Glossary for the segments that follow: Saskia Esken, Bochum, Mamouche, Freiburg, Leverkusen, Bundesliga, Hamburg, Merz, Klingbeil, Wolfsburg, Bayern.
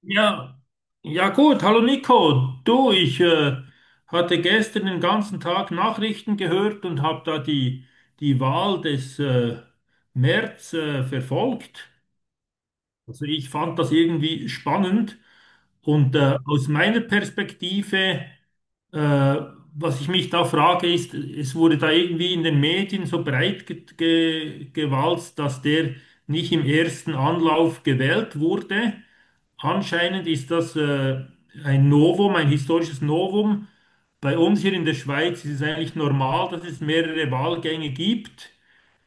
Ja, ja gut, hallo Nico. Du, ich hatte gestern den ganzen Tag Nachrichten gehört und habe da die Wahl des Merz verfolgt. Also ich fand das irgendwie spannend und aus meiner Perspektive, äh, was ich mich da frage, ist, es wurde da irgendwie in den Medien so breit ge ge gewalzt, dass der nicht im ersten Anlauf gewählt wurde. Anscheinend ist das ein Novum, ein historisches Novum. Bei uns hier in der Schweiz ist es eigentlich normal, dass es mehrere Wahlgänge gibt.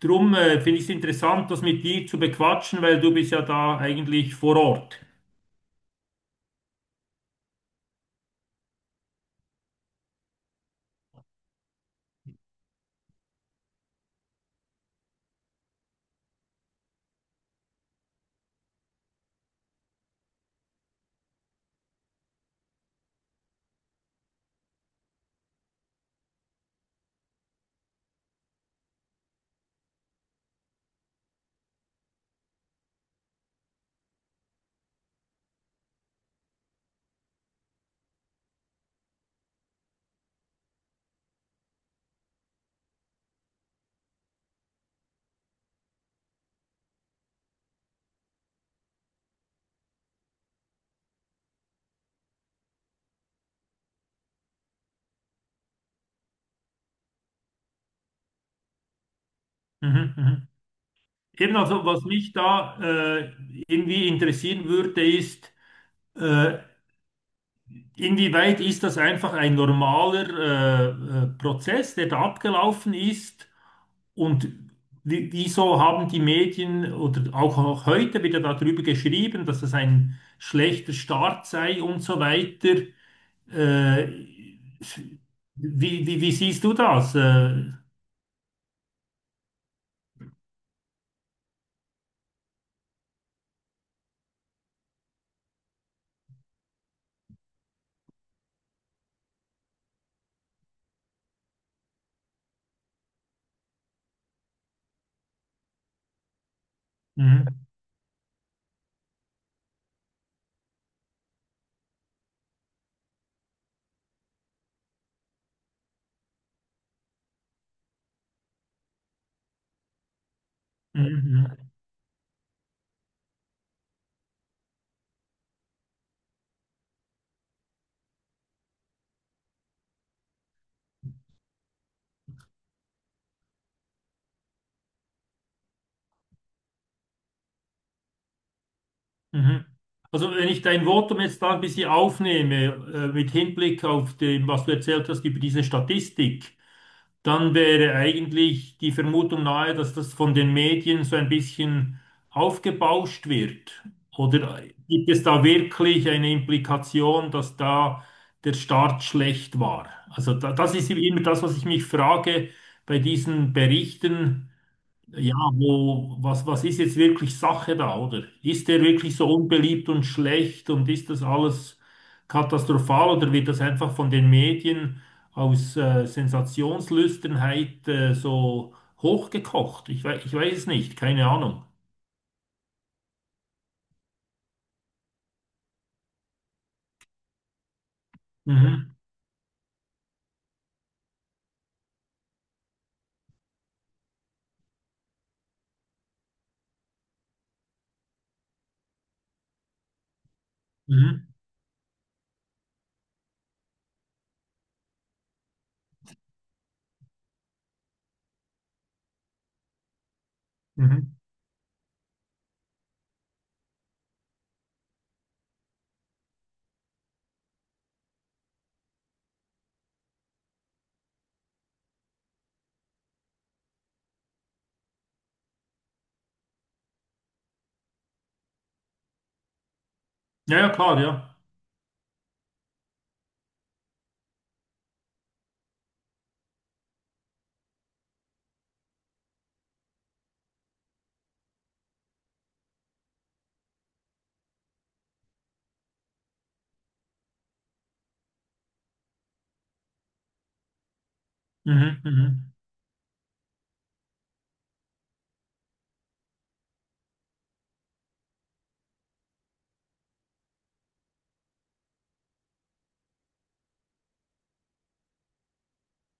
Drum finde ich es interessant, das mit dir zu bequatschen, weil du bist ja da eigentlich vor Ort. Mhm, mhm. Eben also, was mich da äh, irgendwie interessieren würde, ist, äh, inwieweit ist das einfach ein normaler Prozess, der da abgelaufen ist? Und wieso haben die Medien oder auch heute wieder darüber geschrieben, dass es ein schlechter Start sei und so weiter? Äh, Wie, wie siehst du das? Mhm, mhm, mhm, mhm. Also wenn ich dein Votum jetzt da ein bisschen aufnehme, mit Hinblick auf dem, was du erzählt hast über diese Statistik, dann wäre eigentlich die Vermutung nahe, dass das von den Medien so ein bisschen aufgebauscht wird. Oder gibt es da wirklich eine Implikation, dass da der Start schlecht war? Also das ist immer das, was ich mich frage bei diesen Berichten. Ja, was, was ist jetzt wirklich Sache da, oder? Ist der wirklich so unbeliebt und schlecht und ist das alles katastrophal oder wird das einfach von den Medien aus Sensationslüsternheit so hochgekocht? Ich weiß es nicht, keine Ahnung. Mhm, mhm, mhm. Ja, ja, klar, ja. Mhm, mhm.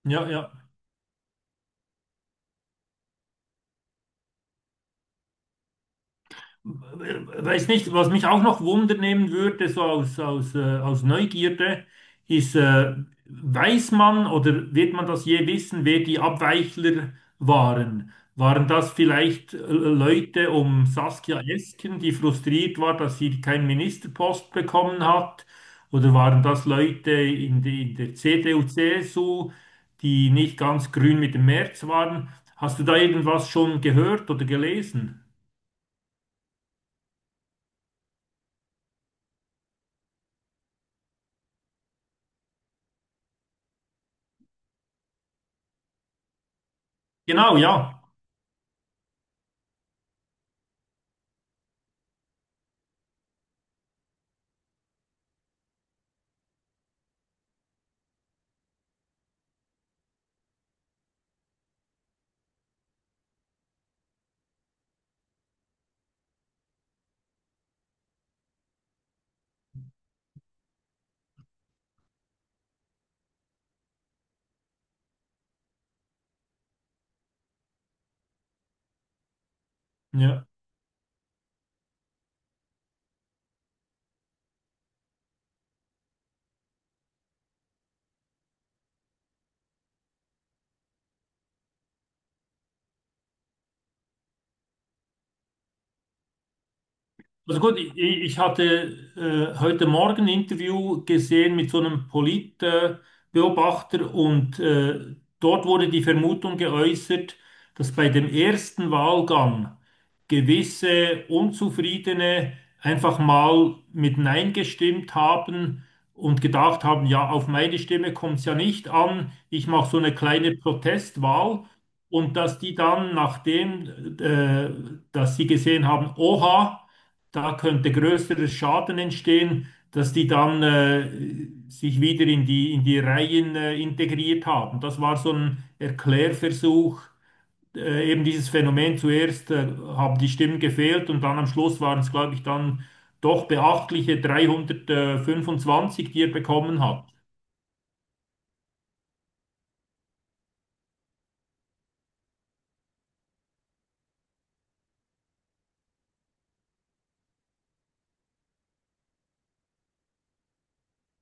Ja, ja. Weiß nicht, was mich auch noch Wunder nehmen würde, so aus Neugierde, ist, weiß man oder wird man das je wissen, wer die Abweichler waren? Waren das vielleicht Leute um Saskia Esken, die frustriert war, dass sie keinen Ministerpost bekommen hat? Oder waren das Leute in der CDU, CSU, die nicht ganz grün mit dem März waren? Hast du da irgendwas schon gehört oder gelesen? Genau, ja. Ja. Also gut, ich hatte heute Morgen ein Interview gesehen mit so einem Politbeobachter Beobachter und dort wurde die Vermutung geäußert, dass bei dem ersten Wahlgang gewisse Unzufriedene einfach mal mit Nein gestimmt haben und gedacht haben, ja, auf meine Stimme kommt es ja nicht an, ich mache so eine kleine Protestwahl und dass die dann, nachdem dass sie gesehen haben, oha, da könnte größerer Schaden entstehen, dass die dann sich wieder in in die Reihen integriert haben. Das war so ein Erklärversuch, eben dieses Phänomen. Zuerst haben die Stimmen gefehlt und dann am Schluss waren es, glaube ich, dann doch beachtliche 325, die er bekommen hat.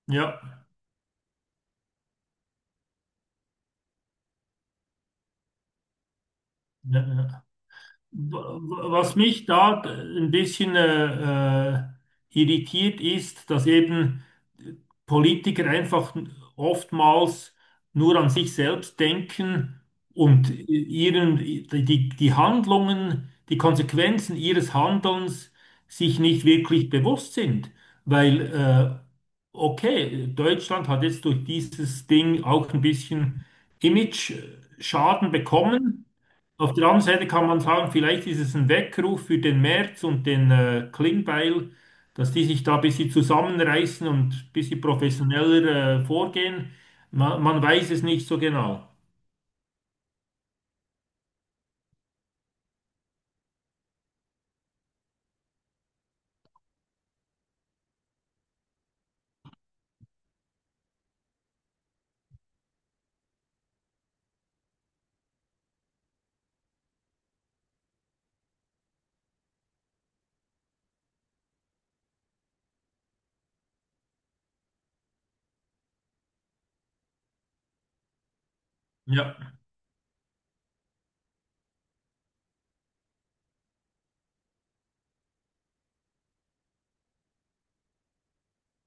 Ja. Ja, ja. Was mich da ein bisschen irritiert ist, dass eben Politiker einfach oftmals nur an sich selbst denken und die Handlungen, die Konsequenzen ihres Handelns sich nicht wirklich bewusst sind. Weil, okay, Deutschland hat jetzt durch dieses Ding auch ein bisschen Image-Schaden bekommen. Auf der anderen Seite kann man sagen, vielleicht ist es ein Weckruf für den Merz und den Klingbeil, dass die sich da ein bisschen zusammenreißen und ein bisschen professioneller vorgehen. Man weiß es nicht so genau. Ja,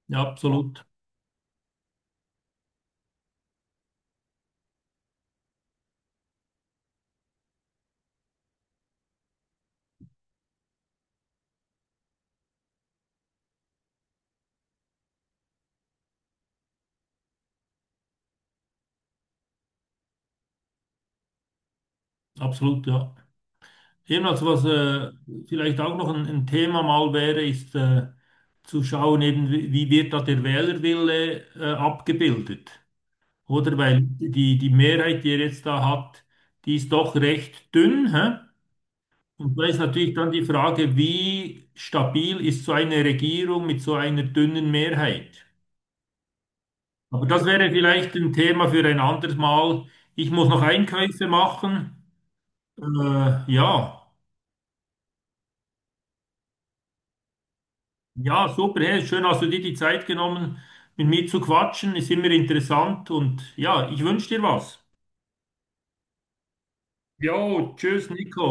ja, absolut, absolut, ja. Ebenfalls, was vielleicht auch noch ein Thema mal wäre, ist zu schauen, eben, wie wird da der Wählerwille abgebildet. Oder weil die Mehrheit, die er jetzt da hat, die ist doch recht dünn, hä? Und da ist natürlich dann die Frage, wie stabil ist so eine Regierung mit so einer dünnen Mehrheit? Aber das wäre vielleicht ein Thema für ein anderes Mal. Ich muss noch Einkäufe machen. Ja, ja, super. Hey, schön, hast du dir die Zeit genommen, mit mir zu quatschen. Ist immer interessant und ja, ich wünsche dir was. Jo, tschüss, Nico.